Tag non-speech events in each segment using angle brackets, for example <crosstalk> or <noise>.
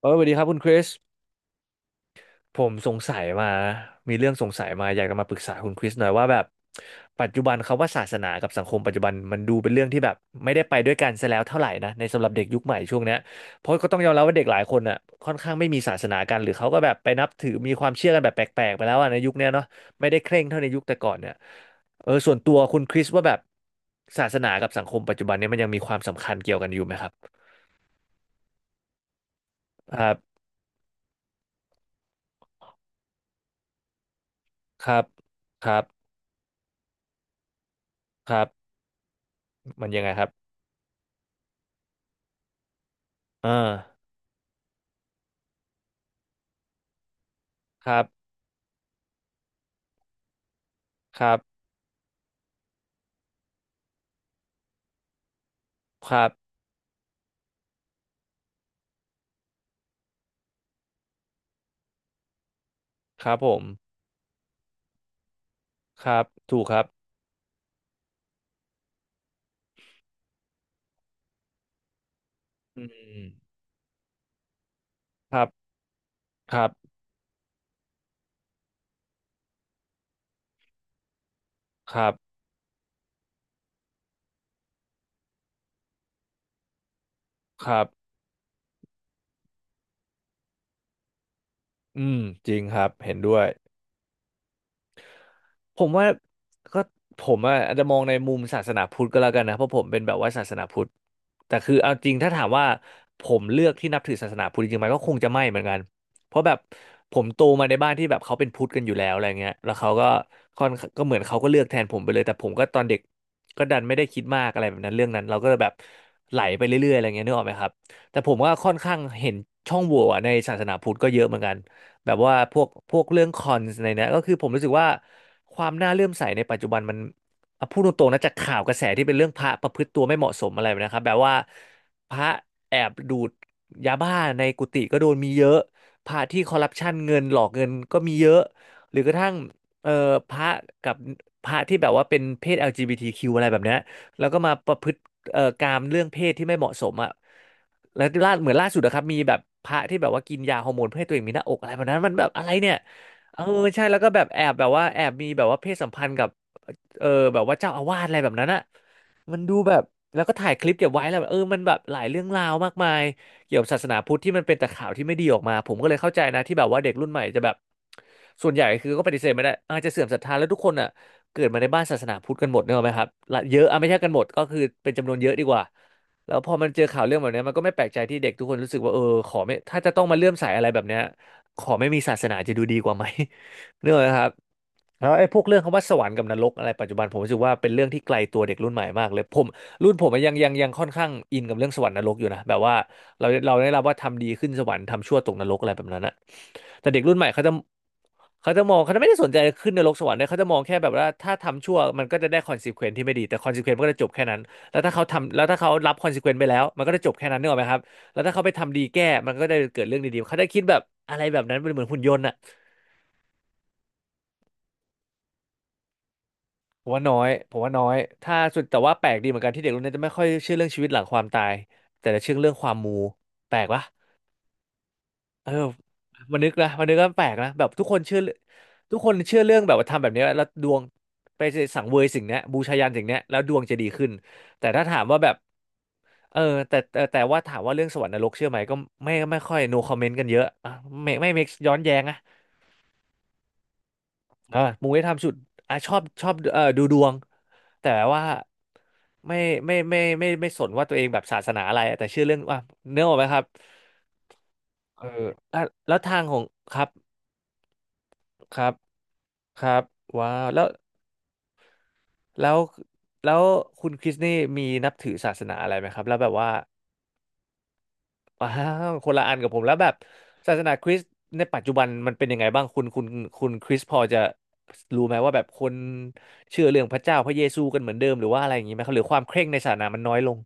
สวัสดีครับคุณคริสผมสงสัยมามีเรื่องสงสัยมาอยากจะมาปรึกษาคุณคริสหน่อยว่าแบบปัจจุบันเขาว่าศาสนากับสังคมปัจจุบันมันดูเป็นเรื่องที่แบบไม่ได้ไปด้วยกันซะแล้วเท่าไหร่นะในสำหรับเด็กยุคใหม่ช่วงเนี้ยเพราะก็ต้องยอมรับว่าเด็กหลายคนอ่ะค่อนข้างไม่มีศาสนากันหรือเขาก็แบบไปนับถือมีความเชื่อกันแบบแปลกๆไปแล้วอ่ะในยุคเนี้ยเนาะไม่ได้เคร่งเท่าในยุคแต่ก่อนเนี่ยส่วนตัวคุณคริสว่าแบบศาสนากับสังคมปัจจุบันเนี่ยมันยังมีความสำคัญเกี่ยวกันอยู่ไหมครับครับครับครับครับมันยังไงครับ อ่าครับ ครับ ครับ ครับผม ครับถูกครับอืมครับครับครับครับอืมจริงครับ เห็นด้วย ผมว่าก็ผมอะอาจจะมองในมุมศาสนาพุทธก็แล้วกันนะเพราะผมเป็นแบบว่าศาสนาพุทธแต่คือเอาจริงถ้าถามว่าผมเลือกที่นับถือศาสนาพุทธจริงๆไหมก็คงจะไม่เหมือนกันเพราะแบบผมโตมาในบ้านที่แบบเขาเป็นพุทธกันอยู่แล้วอะไรเงี้ยแล้วเขาก็ค่อนก็เหมือนเขาก็เลือกแทนผมไปเลยแต่ผมก็ตอนเด็กก็ดันไม่ได้คิดมากอะไรแบบนั้นเรื่องนั้นเราก็แบบไหลไปเรื่อยๆอะไรเงี้ยนึกออกไหมครับแต่ผมว่าค่อนข้างเห็นช่องโหว่อะในศาสนาพุทธก็เยอะเหมือนกัน แบบว่าพวกเรื่องคอนในเนี้ยก็คือผมรู้สึกว่าความน่าเลื่อมใสในปัจจุบันมันอ่ะพูดตรงๆนะจากข่าวกระแสที่เป็นเรื่องพระประพฤติตัวไม่เหมาะสมอะไรแบบนะครับแบบว่าพระแอบดูดยาบ้าในกุฏิก็โดนมีเยอะพระที่คอร์รัปชันเงินหลอกเงินก็มีเยอะหรือกระทั่งเอ่อพระกับพระที่แบบว่าเป็นเพศ LGBTQ อลจีบีทีคิวอะไรแบบเนี้ยแล้วก็มาประพฤติกามเรื่องเพศที่ไม่เหมาะสมอ่ะ แล้วล่าเหมือนล่าสุดนะครับมีแบบพระที่แบบว่ากินยาฮอร์โมนเพื่อให้ตัวเองมีหน้าอกอะไรแบบนั้นมันแบบอะไรเนี่ยเออใช่แล้วก็แบบแอบแบบว่าแอบมีแบบว่าเพศสัมพันธ์กับเออแบบว่าเจ้าอาวาสอะไรแบบนั้นอะ มันดูแบบแล้วก็ถ่ายคลิปเก็บไว้แล้วแบบมันแบบหลายเรื่องราวมากมายเกี่ยวกับศาสนาพุทธที่มันเป็นแต่ข่าวที่ไม่ดีออกมาผมก็เลยเข้าใจนะที่แบบว่าเด็กรุ่นใหม่จะแบบส่วนใหญ่คือก็ปฏิเสธไม่ได้อาจจะเสื่อมศรัทธาแล้วทุกคนอ่ะเกิดมาในบ้านศาสนาพุทธกันหมดเนกอะไหมครับละเยอะอ่ะไม่ใช่กันหมดก็คือเป็นจำนวนเยอะดีกว่าแล้วพอมันเจอข่าวเรื่องแบบเนี้ยมันก็ไม่แปลกใจที่เด็กทุกคนรู้สึกว่าขอไม่ถ้าจะต้องมาเลื่อมใสอะไรแบบเนี้ยขอไม่มีศาสนาจะดูดีกว่าไหม <laughs> เนกอะไหมครับ แล้วไอ้พวกเรื่องคำว่าสวรรค์กับนรกอะไรปัจจุบันผมรู้สึกว่าเป็นเรื่องที่ไกลตัวเด็กรุ่นใหม่มากเลยผมรุ่นผมอะยังค่อนข้างอินกับเรื่องสวรรค์นรกอยู่นะแบบว่าเราได้รับว่าทำดีขึ้นสวรรค์ทำชั่วตกนรกอะไรแบบนั้นอะแต่เด็กรุ่นใหม่เขาจะเขาจะมองเขาจะไม่ได้สนใจขึ้นนรกสวรรค์เลยเขาจะมองแค่แบบว่าถ้าทำชั่วมันก็จะได้คอนซีเควนที่ไม่ดีแต่คอนซีเควนมันก็จะจบแค่นั้นแล้วถ้าเขาทำแล้วถ้าเขารับคอนซีเควนไปแล้วมันก็จะจบแค่นั้นนึกออกไหมครับแล้วถ้าเขาไปทำดีแก้มันก็ได้เกิดเรื่องดีๆเขาจะคิดแบบอะไรแบบนั้นเป็นเหมือนหุ่นยนต์อะ ผมว่าน้อยถ้าสุดแต่ว่าแปลกดีเหมือนกันที่เด็กรุ่นนี้จะไม่ค่อยเชื่อเรื่องชีวิตหลังความตายแต่จะเชื่อเรื่องความมูแปลกปะเออมันนึกนะมันนึกก็แปลกนะแบบทุกคนเชื่อทุกคนเชื่อเรื่องแบบว่าทำแบบนี้แล้วดวงไปสังเวยสิ่งเนี้ยบูชายัญสิ่งเนี้ยแล้วดวงจะดีขึ้นแต่ถ้าถามว่าแบบเออแต่ว่าถามว่าเรื่องสวรรค์นรกเชื่อไหมก็ไม่ค่อย no comment กันเยอะอ่ะไม่ make ย้อนแย้งนะ เออมูได้ทำชุดอ่ะชอบดูดวง แต่ว่าไม่ไม่สนว่าตัวเองแบบศาสนาอะไรแต่เชื่อเรื่องว่าเนื้อออกไหมครับเออแล้วทางของครับครับครับว้าวแล้วแล้วคุณคริสนี่มีนับถือศาสนาอะไรไหมครับแล้วแบบว่า อ้าวคนละอันกับผมแล้วแบบศาสนาคริสต์ในปัจจุบันมันเป็นยังไงบ้างคุณคริสพอจะรู้ไหมว่าแบบคนเชื่อเรื่องพระเจ้าพระเยซูกันเหมือนเดิมหรือว่าอะไรอย่างนี้ไหมครับหรือความเคร่งในศาสนามันน้อยลง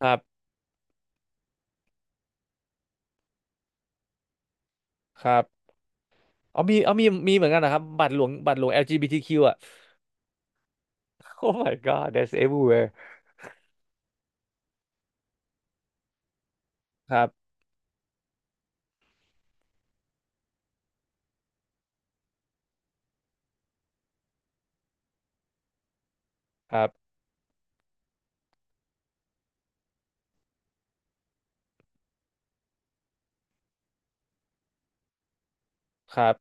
ครับครับเอามีเอามีมีเหมือนกันนะครับบัตรหลวง LGBTQ อลจีบีทีคิวอ่ะ <laughs> Oh my God that's everywhere ครับครับครับ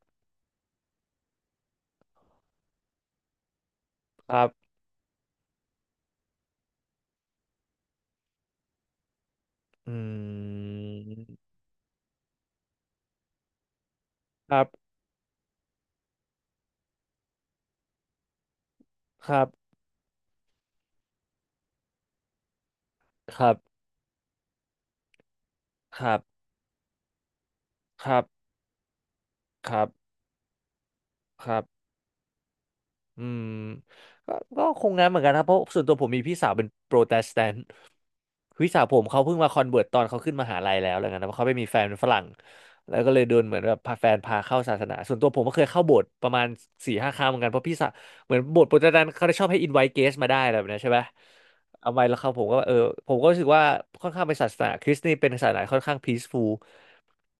ครับอืมครับครับครับครับครับครับ อืมก็คงงั้นเหมือนกันครับเพราะส่วนตัวผมมีพี่สาวเป็นโปรเตสแตนต์พี่สาวผมเขาเพิ่งมาคอนเวิร์ตตอนเขาขึ้นมหาลัยแล้วอะไรเงี้ยนะเพราะเขาไม่มีแฟนเป็นฝรั่งแล้วก็เลยโดนเหมือนแบบพาแฟนพาเข้าศาสนาส่วนตัวผมก็เคยเข้าโบสถ์ประมาณ4-5 ครั้งเหมือนกันเพราะพี่สาวเหมือนโบสถ์โปรเตสแตนต์เขาได้ชอบให้อินไวท์เกสมาได้อะไรแบบนี้ใช่ไหม เอาไว้แล้วครับผมก็เออผมก็รู้สึกว่าค่อนข้างเป็นศาสนาคริสต์นี่เป็นศาสนาค่อนข้างพีซฟูล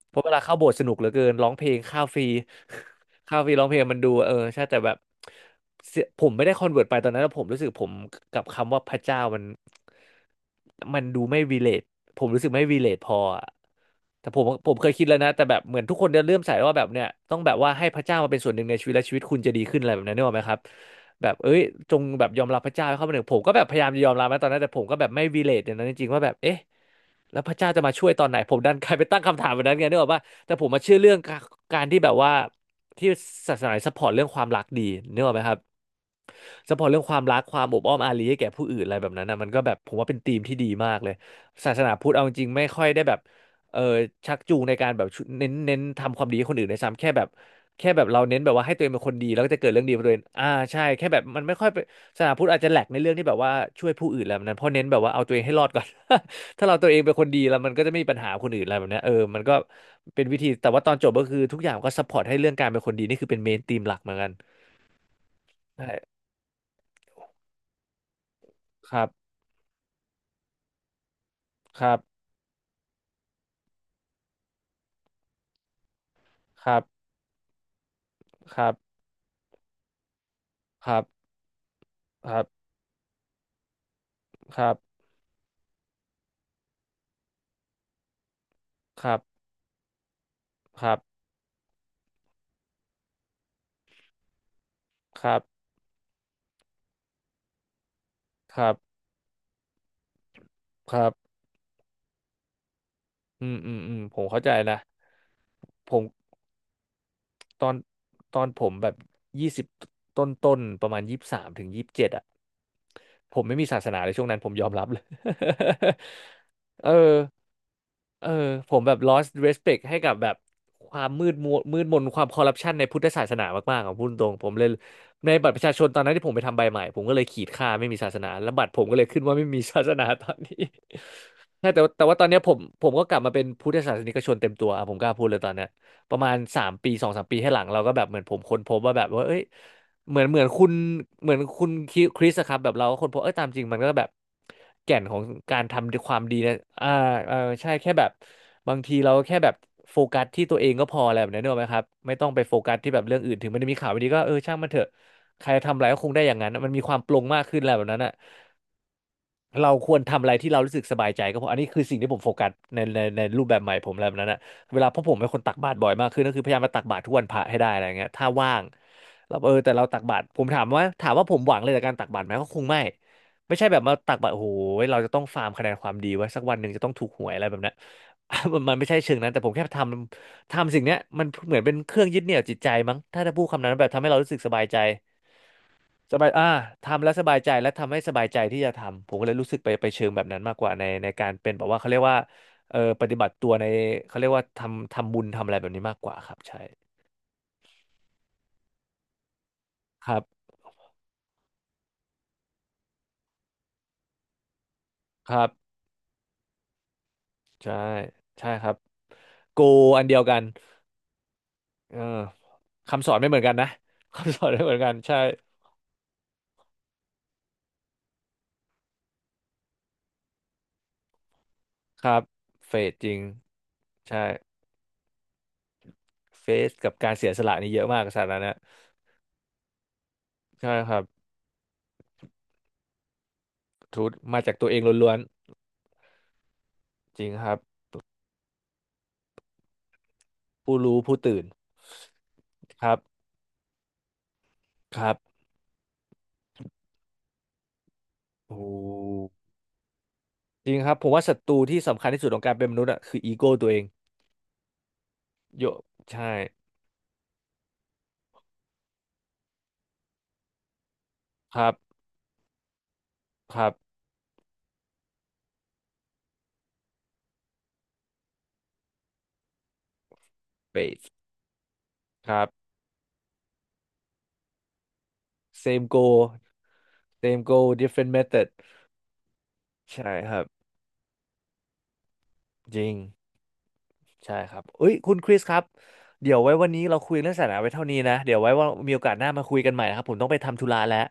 เพราะเวลาเข้าโบสถ์สนุกเหลือเกินร้องเพลงข้าวฟรี <laughs> ข้าวฟรีร้องเพลงมันดูเออใช่แต่แบบเสียผมไม่ได้คอนเวิร์ตไปตอนนั้นแล้วผมรู้สึกผมกับคำว่าพระเจ้ามัน มันดูไม่ relate ผมรู้สึกไม่ relate พออะแต่ผมเคยคิดแล้วนะแต่แบบเหมือนทุกคนจะเริ่มใส่ว่าแบบเนี่ยต้องแบบว่าให้พระเจ้ามาเป็นส่วนหนึ่งในชีวิตและชีวิตคุณจะดีขึ้นอะไรแบบนั้นนึกออกไหมครับ แบบเอ้ยจงแบบยอมรับพระเจ้าให้เข้ามาหนึ่งผมก็แบบพยายามจะยอมรับนะตอนนั้นแต่ผมก็แบบไม่ relate อย่างนั้นจริงๆว่าแบบเอ๊ะแล้วพระเจ้าจะมาช่วยตอนไหนผมดันกลายไปตั้งคำถามแบบนั้นไงนึกออกป่ะแต่ผมมาเชื่อเรื่องการที่แบบว่าที่ศาสนาซัพพอร์ตเรื่องความรักดีนึกออกไหมครับ ซัพพอร์ตเรื่องความรักความอบอ้อมอารีให้แก่ผู้อื่นอะไรแบบนั้นนะมันก็แบบผมว่าเป็นธีมที่ดีมากเลยศาสนาพุทธเอาจริงๆไม่ค่อยได้แบบเออชักจูงในการแบบชุเน้นทำความดีให้คนอื่นในซ้ำแค่แบบเราเน้นแบบว่าให้ตัวเองเป็นคนดีแล้วก็จะเกิดเรื่องดีกับตัวเองอ่าใช่แค่แบบมันไม่ค่อยเป็นศาสนาพุทธอาจจะแหลกในเรื่องที่แบบว่าช่วยผู้อื่นแล้วนั้นเพราะเน้นแบบว่าเอาตัวเองให้รอดก่อน <laughs> ถ้าเราตัวเองเป็นคนดีแล้วมันก็จะไม่มีปัญหาคนอื่นอะไรแบบเนี้ยเออมันก็เป็นวิธีแต่ว่าตอนจบก็คือทุกอย่างก็ซัพพอร์ตให้เรื่องการเป็นคนดีนี่คือเป็นเมนธีมหลักเหมือนกันใช่ครับครับ ครับครับ ครับ ครับ ครับ ครับ ครับ ครับ ครับ ครับอืมอืมอืมผมเข้าใจนะผม ตอนตอนผมแบบยี่สิบต้นต้นๆประมาณ23-27อ่ะผมไม่มีศาสนาเลยช่วงนั้นผมยอมรับเลย <laughs> เออเออผมแบบ lost respect ให้กับแบบความมืดมัวมืดมนความคอร์รัปชันในพุทธศาสนามากๆของพูดตรงผมเลยในบัตรประชาชนตอนนั้นที่ผมไปทำใบใหม่ผมก็เลยขีดค่าไม่มีศาสนาแล้วบัตรผมก็เลยขึ้นว่าไม่มีศาสนาตอนนี้ <laughs> ใช่แต่ว่าตอนเนี้ยผมก็กลับมาเป็นพุทธศาสนิกชนเต็มตัวอ่ะผมกล้าพูดเลยตอนเนี้ย ประมาณสามปีสองสามปีให้หลังเราก็แบบเหมือนผมค้นพบว่าแบบว่าเอ้ยเหมือนเหมือนคุณเหมือนคุณคริสอะครับแบบเราก็ค้นพบเอ้ยตามจริงมันก็แบบแก่นของการทำความดีนะอ่าเออใช่แค่แบบบางทีเราก็แค่แบบโฟกัสที่ตัวเองก็พออะไรแบบนี้นเนกอะไหมครับไม่ต้องไปโฟกัสที่แบบเรื่องอื่นถึงมันจะมีข่าวไม่ดีก็เออช่างมันเถอะใครทำอะไรก็คงได้อย่างนั้นมันมีความปลงมากขึ้นอะไรแบบนั้นอะ เราควรทำอะไรที่เรารู้สึกสบายใจก็พออันนี้คือสิ่งที่ผมโฟกัสในรูปแบบใหม่ผมแบบนั้นนะเวลาเพราะผมเป็นคนตักบาตรบ่อยมากขึ้นก็คือพยายามมาตักบาตรทุกวันพระให้ได้อะไรเงี้ยถ้าว่างเราเออแต่เราตักบาตรผมถามว่าผมหวังเลยจากการตักบาตรไหมก็คงไม่ไม่ใช่แบบมาตักบาตรโอ้โหเราจะต้องฟาร์มคะแนนความดีไว้สักวันหนึ่งจะต้องถูกหวยอะไรแบบนั้น <laughs> มันไม่ใช่เชิงนั้นแต่ผมแค่ทำสิ่งเนี้ยมันเหมือนเป็นเครื่องยึดเหนี่ยวจิตใจมั้งถ้าจะพูดคำนั้นแบบทำให้เรารู้สึกสบายใจ สบายทำแล้วสบายใจและทำให้สบายใจที่จะทำ ผมก็เลยรู้สึกไปเชิงแบบนั้นมากกว่าในการเป็นแบบว่าเขาเรียกว่าปฏิบัติตัวในเขาเรียกว่าทำบุญทำอะไรแบบนี้มากกว่าครับใช่ครับครับใช่ใช่ครับโกอันเดียวกันเออคำสอนไม่เหมือนกันนะ <laughs> คำสอนไม่เหมือนกันใช่ครับเฟสจริงใช่เฟสกับการเสียสละนี่เยอะมากศาสตร์นั้นนะใช่ครับทุตมาจากตัวเองล้วนๆจริงครับผู้รู้ผู้ตื่นครับครับ โอ้จริงครับผมว่าศัตรูที่สำคัญที่สุดของการเป็นมนุษย์อะคืออีโก้ตัวเองโยใช่ครับครับเบสครับ same goal same goal different method ใช่ครับจริงใช่ครับเอ้ยคุณคริสครับเดี๋ยวไว้วันนี้เราคุยเรื่องศาสนาไว้เท่านี้นะเดี๋ยวไว้ว่ามีโอกาสหน้ามาคุยกันใหม่นะครับผมต้องไปทำธุระแล้ว